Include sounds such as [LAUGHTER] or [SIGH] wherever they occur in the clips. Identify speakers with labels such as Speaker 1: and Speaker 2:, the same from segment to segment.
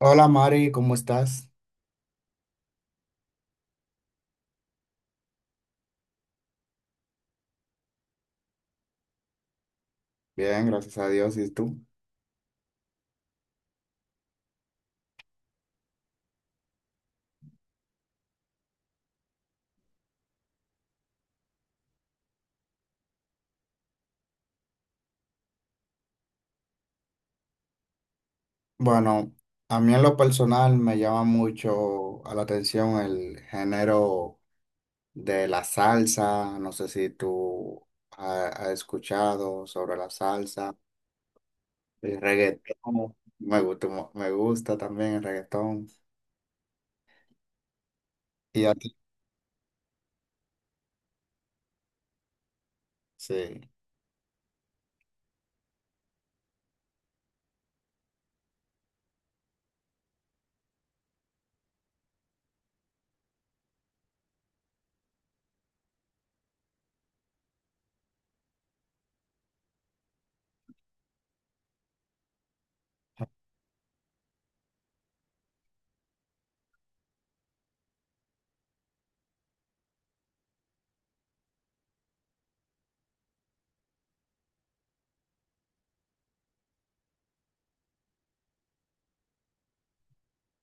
Speaker 1: Hola Mari, ¿cómo estás? Bien, gracias a Dios. ¿Y tú? Bueno, a mí en lo personal me llama mucho a la atención el género de la salsa. No sé si tú has escuchado sobre la salsa, el reggaetón. Me gusta, me gusta también el reggaetón. ¿Y a ti? Sí.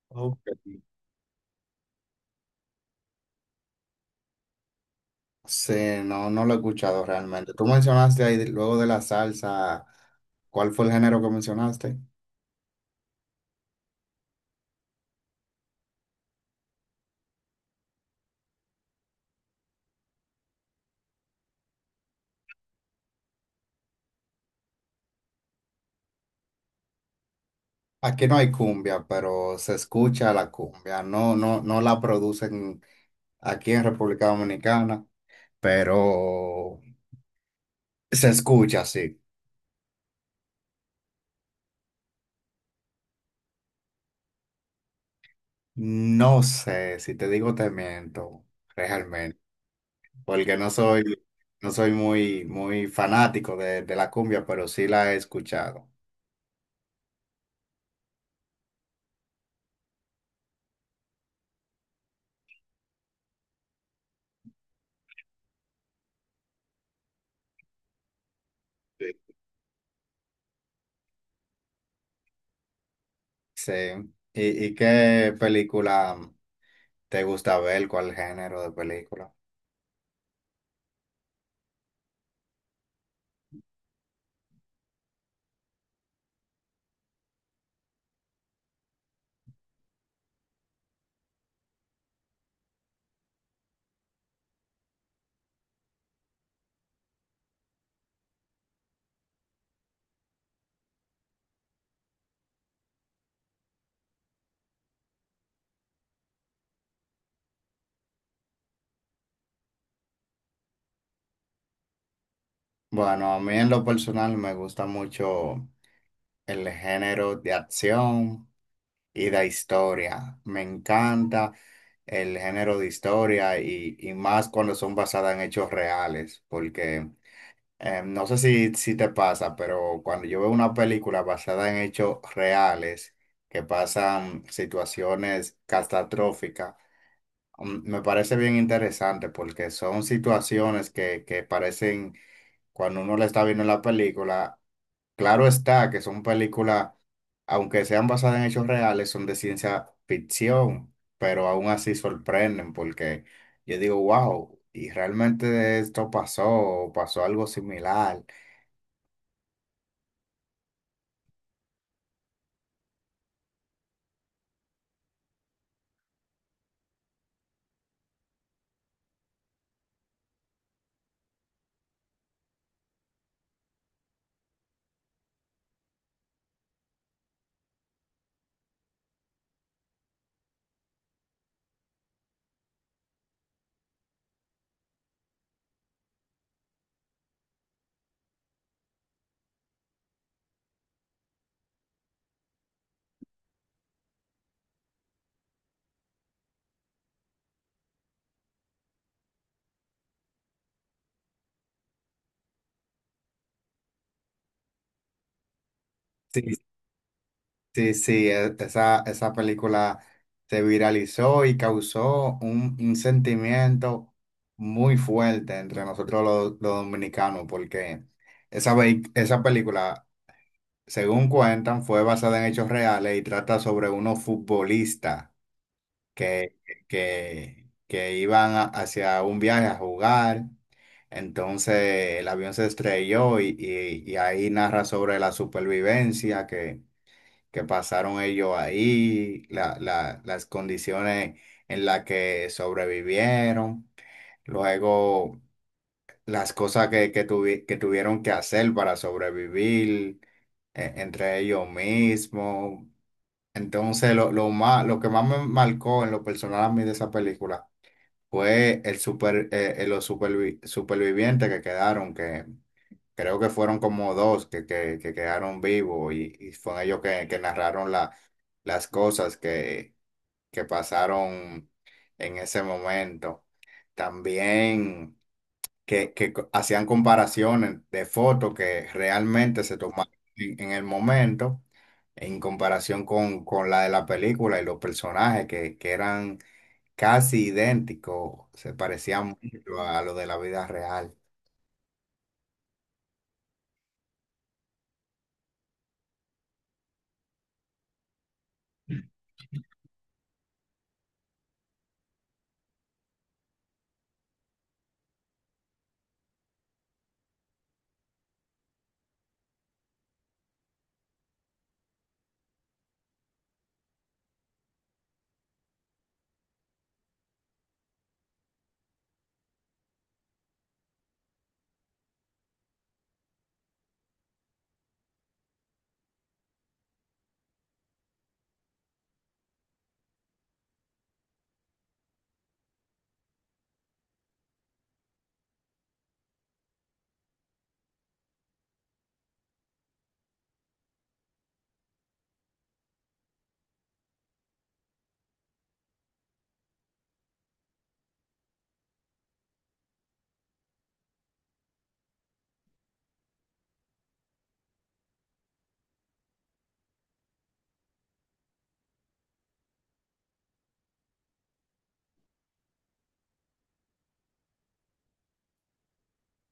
Speaker 1: Ok. Sí, no, no lo he escuchado realmente. Tú mencionaste ahí luego de la salsa, ¿cuál fue el género que mencionaste? Aquí no hay cumbia, pero se escucha la cumbia. No, no, no la producen aquí en República Dominicana, pero se escucha, sí. No sé, si te digo te miento, realmente, porque no soy, no soy muy, muy fanático de la cumbia, pero sí la he escuchado. Sí. Y qué película te gusta ver? ¿Cuál género de película? Bueno, a mí en lo personal me gusta mucho el género de acción y de historia. Me encanta el género de historia y más cuando son basadas en hechos reales, porque no sé si, si te pasa, pero cuando yo veo una película basada en hechos reales, que pasan situaciones catastróficas, mm, me parece bien interesante porque son situaciones que parecen, cuando uno la está viendo en la película, claro está que son películas, aunque sean basadas en hechos reales, son de ciencia ficción, pero aún así sorprenden porque yo digo, wow, y realmente esto pasó, o pasó algo similar. Sí. Sí, sí, esa, esa película se viralizó y causó un sentimiento muy fuerte entre nosotros los dominicanos porque esa, esa película, según cuentan, fue basada en hechos reales y trata sobre unos futbolistas que, que, que hacia un viaje a jugar. Entonces el avión se estrelló y, y ahí narra sobre la supervivencia que pasaron ellos ahí, las condiciones en las que sobrevivieron, luego las cosas que, que tuvieron que hacer para sobrevivir entre ellos mismos. Entonces, lo más, lo que más me marcó en lo personal a mí de esa película fue los supervivientes que quedaron, que creo que fueron como dos que quedaron vivos y fueron ellos que narraron la, las cosas que pasaron en ese momento. También que, hacían comparaciones de fotos que realmente se tomaron en el momento, en comparación con la de la película y los personajes que eran casi idénticos, se parecían mucho a lo de la vida real.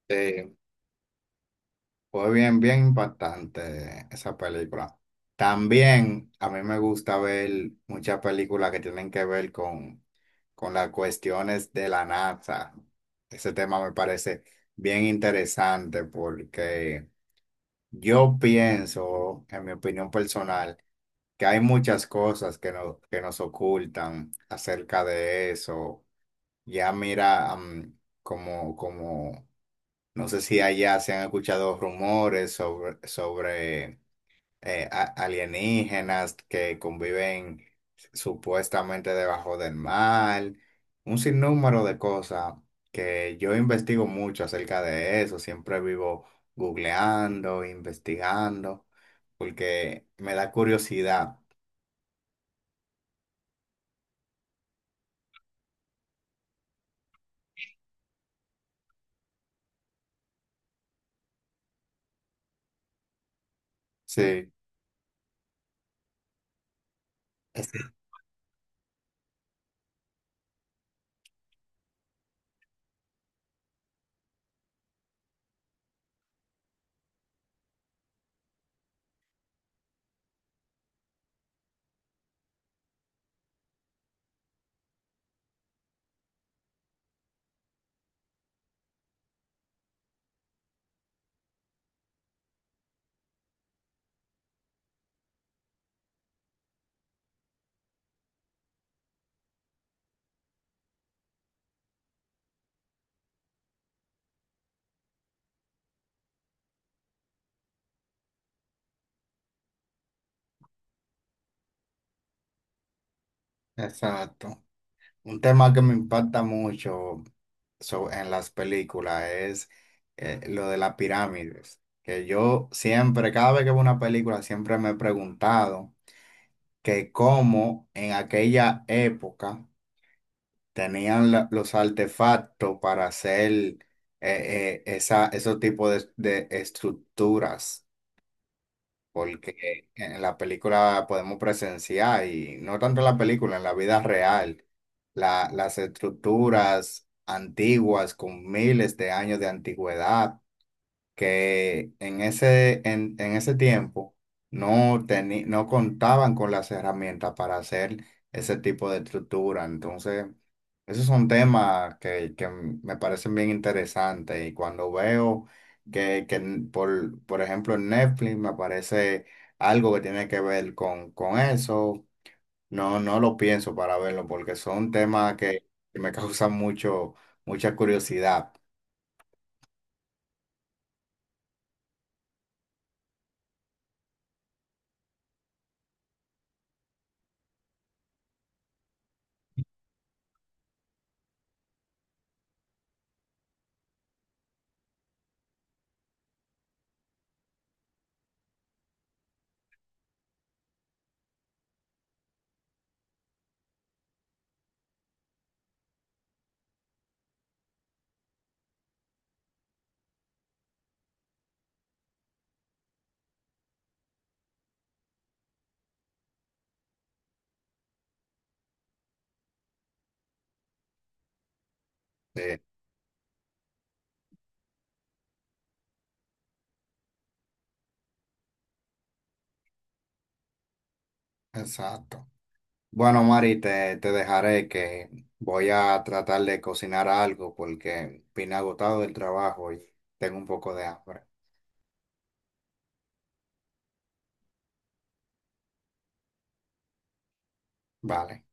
Speaker 1: Sí. Fue bien, bien impactante esa película. También a mí me gusta ver muchas películas que tienen que ver con las cuestiones de la NASA. Ese tema me parece bien interesante porque yo pienso, en mi opinión personal, que hay muchas cosas que, no- que nos ocultan acerca de eso. Ya mira, como no sé si allá se han escuchado rumores sobre, sobre alienígenas que conviven supuestamente debajo del mar, un sinnúmero de cosas que yo investigo mucho acerca de eso, siempre vivo googleando, investigando, porque me da curiosidad. Sí, exacto. Un tema que me impacta mucho en las películas es lo de las pirámides, que yo siempre, cada vez que veo una película, siempre me he preguntado que cómo en aquella época tenían los artefactos para hacer esos tipos de estructuras, porque en la película podemos presenciar, y no tanto en la película, en la vida real, las estructuras antiguas con miles de años de antigüedad que en ese tiempo no contaban con las herramientas para hacer ese tipo de estructura. Entonces, esos son temas que me parecen bien interesantes y cuando veo que, por ejemplo, en Netflix me aparece algo que tiene que ver con eso, no, no lo pienso para verlo porque son temas que me [LAUGHS] causan mucho, mucha curiosidad. Sí, exacto. Bueno, Mari, te dejaré que voy a tratar de cocinar algo porque vine agotado del trabajo y tengo un poco de hambre. Vale.